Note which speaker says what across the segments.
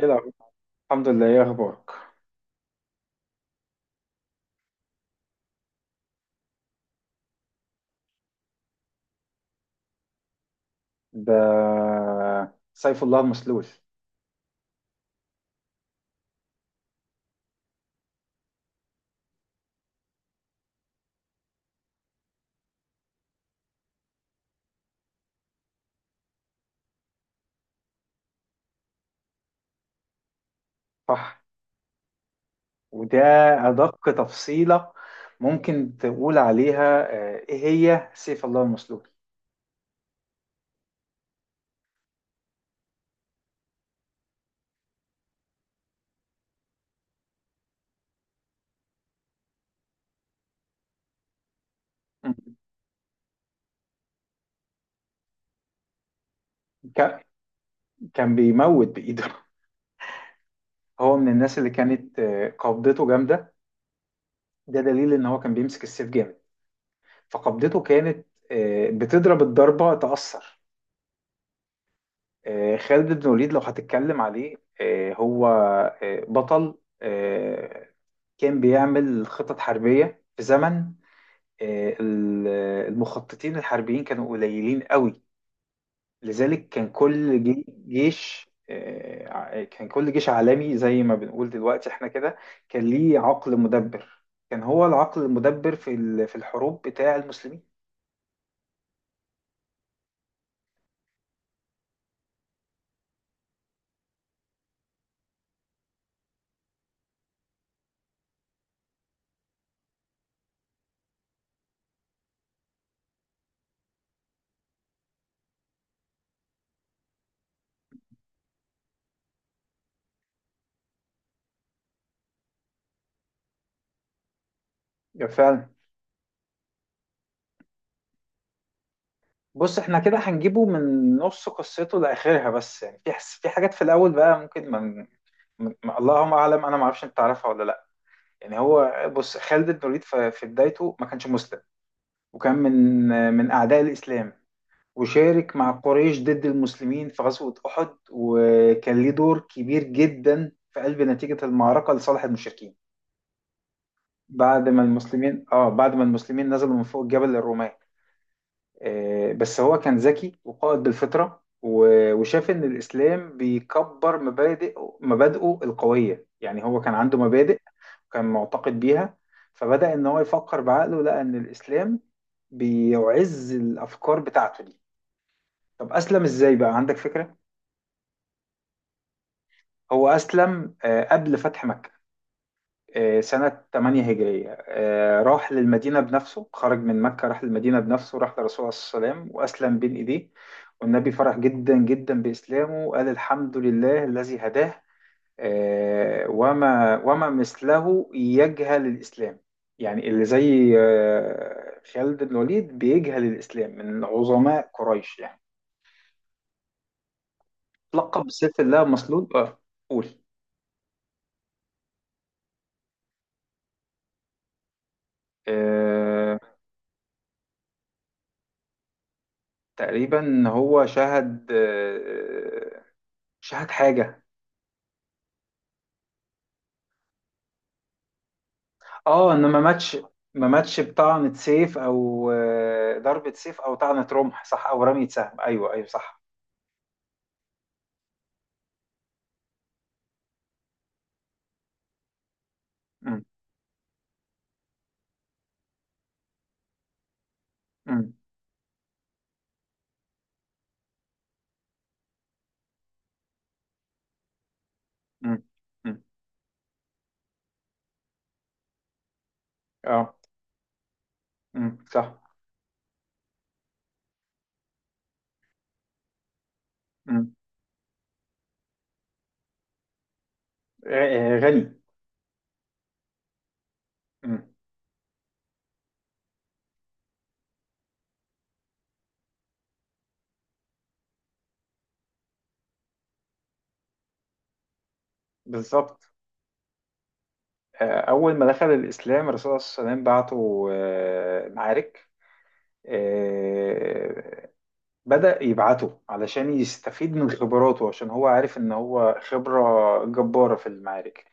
Speaker 1: ايه الأخبار؟ الحمد لله، ايه اخبارك. ده سيف الله المسلول. صح. وده ادق تفصيلة ممكن تقول عليها، ايه هي سيف الله المسلول؟ مم. ك- كان بيموت بايده هو من الناس اللي كانت قبضته جامدة. ده دليل ان هو كان بيمسك السيف جامد، فقبضته كانت بتضرب الضربة تأثر. خالد بن وليد لو هتتكلم عليه، هو بطل. كان بيعمل خطط حربية في زمن آه، ال- المخططين الحربيين كانوا قليلين قوي. لذلك كان كل جيش، كان كل جيش عالمي زي ما بنقول دلوقتي احنا كده. كان ليه عقل مدبر. كان هو العقل المدبر في في الحروب بتاع المسلمين. يعني فعلا. بص، احنا كده هنجيبه من نص قصته لاخرها، بس يعني في حس، في حاجات في الاول بقى ممكن اللهم اعلم، انا ما اعرفش انت تعرفها ولا لا. يعني هو، بص، خالد بن الوليد في بدايته ما كانش مسلم، وكان من اعداء الاسلام. وشارك مع قريش ضد المسلمين في غزوة احد، وكان ليه دور كبير جدا في قلب نتيجة المعركة لصالح المشركين بعد ما المسلمين نزلوا من فوق الجبل للرومان. بس هو كان ذكي وقائد بالفطرة وشاف إن الإسلام بيكبر مبادئه القوية. يعني هو كان عنده مبادئ وكان معتقد بيها. فبدأ إن هو يفكر بعقله، لقى إن الإسلام بيعز الأفكار بتاعته دي. طب أسلم إزاي بقى، عندك فكرة؟ هو أسلم قبل فتح مكة، سنة 8 هجرية. راح للمدينة بنفسه، خرج من مكة، راح للمدينة بنفسه، راح للرسول عليه الصلاة والسلام وأسلم بين إيديه. والنبي فرح جدا جدا بإسلامه، وقال: الحمد لله الذي هداه. وما مثله يجهل الإسلام. يعني اللي زي خالد بن الوليد بيجهل الإسلام من عظماء قريش يعني. لقب بسيف الله مسلول. اه، قول. آه، تقريبا هو شهد، مش هات حاجة. اه، انه ما ماتش. ما ماتش بطعنة سيف او ضربة سيف او طعنة رمح، صح، او رمية سهم. ايوه، ايوه، صح. مم. مم. مم. مم. اه. مم. صح. مم. غني. مم. بالظبط. اول ما دخل الاسلام الرسول صلى الله عليه وسلم بعته معارك. آه، بدأ يبعته علشان يستفيد من خبراته، عشان هو عارف ان هو خبرة جبارة في المعارك.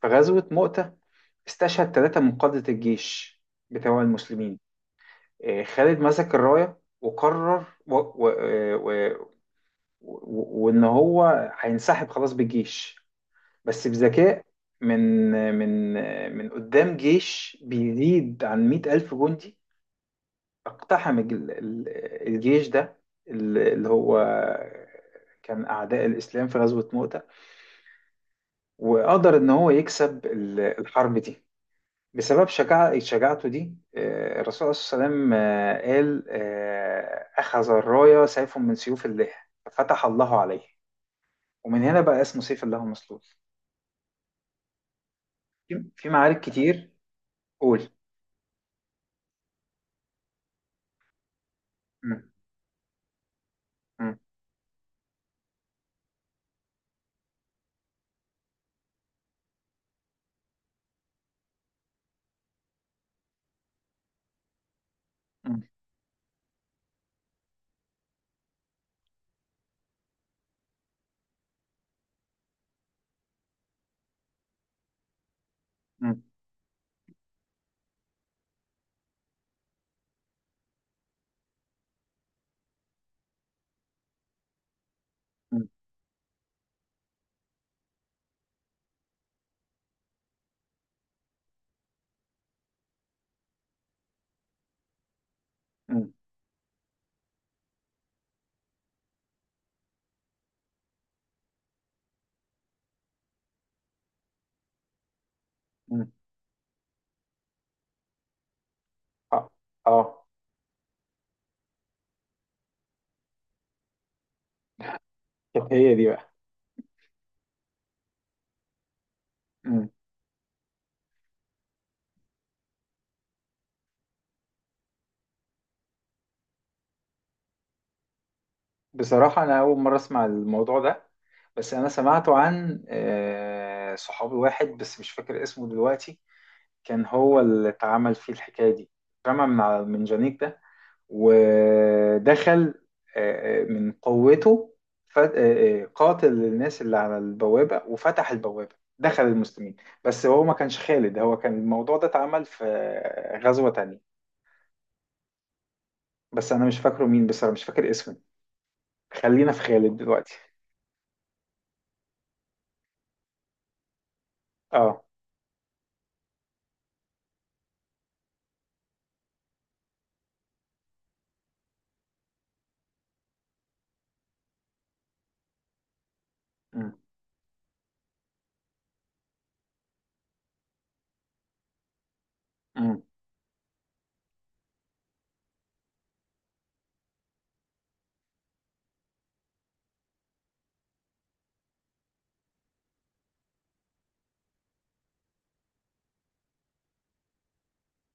Speaker 1: في غزوة مؤتة استشهد ثلاثة من قادة الجيش بتوع المسلمين. خالد مسك الراية وقرر و... وإن هو هينسحب خلاص بالجيش، بس بذكاء. من من قدام جيش بيزيد عن 100,000 جندي، اقتحم الجيش ده، اللي هو كان أعداء الإسلام في غزوة مؤتة. وقدر إن هو يكسب الحرب دي بسبب شجاعته دي. الرسول عليه الصلاة والسلام، قال أخذ الراية سيف من سيوف الله، ففتح الله عليه. ومن هنا بقى اسمه سيف الله مسلول. في معارك كتير. قول. مم. مم. مم. مم. مم. مم. مم. اه. اه. كانت هي دي بقى. مم. بصراحة أنا أول مرة أسمع الموضوع ده، بس أنا سمعته عن صحابي واحد بس، مش فاكر اسمه دلوقتي. كان هو اللي اتعمل فيه الحكاية دي، اترمى من على المنجنيك ده ودخل، من قوته، قاتل الناس اللي على البوابة وفتح البوابة دخل المسلمين. بس هو ما كانش خالد، هو كان الموضوع ده اتعمل في غزوة تانية. بس أنا مش فاكره مين، بصراحة مش فاكر اسمه. خلينا في خالد دلوقتي. اه. أمم. أمم.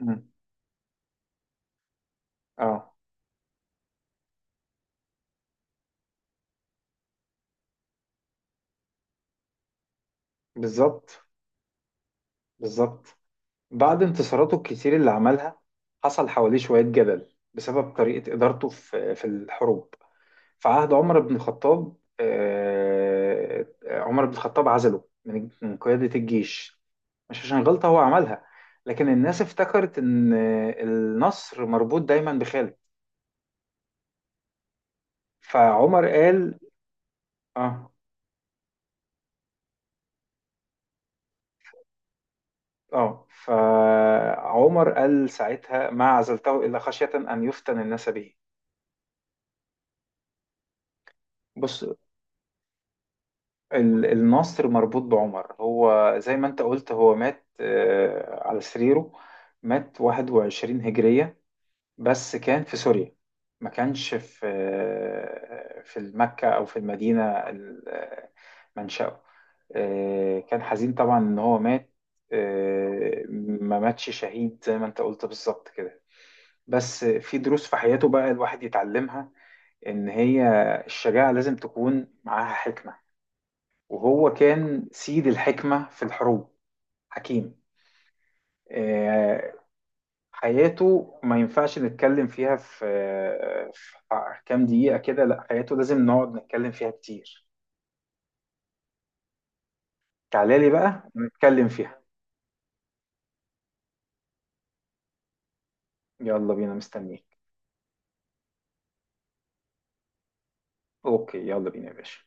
Speaker 1: أمم. اه. بالظبط. بالظبط. بعد انتصاراته الكتير اللي عملها حصل حواليه شوية جدل بسبب طريقة إدارته في الحروب في عهد عمر بن الخطاب. عمر بن الخطاب عزله من قيادة الجيش، مش عشان غلطة هو عملها، لكن الناس افتكرت إن النصر مربوط دايما بخالد. فعمر قال آه فعمر قال ساعتها: ما عزلته إلا خشية أن يفتن الناس به. بص، النصر مربوط بعمر. هو زي ما انت قلت، هو مات على سريره. مات 21 هجرية، بس كان في سوريا، ما كانش في في مكة أو في المدينة. ال- آه، منشأه. كان حزين طبعا إن هو مات. ما ماتش شهيد زي ما انت قلت بالظبط كده. بس في دروس في حياته بقى الواحد يتعلمها. إن هي الشجاعة لازم تكون معاها حكمة، وهو كان سيد الحكمة في الحروب. حكيم. آه، حياته ما ينفعش نتكلم فيها في في كام دقيقة كده، لا، حياته لازم نقعد نتكلم فيها كتير. تعالى لي بقى نتكلم فيها. يلا بينا، مستنيك. اوكي، يلا بينا يا باشا.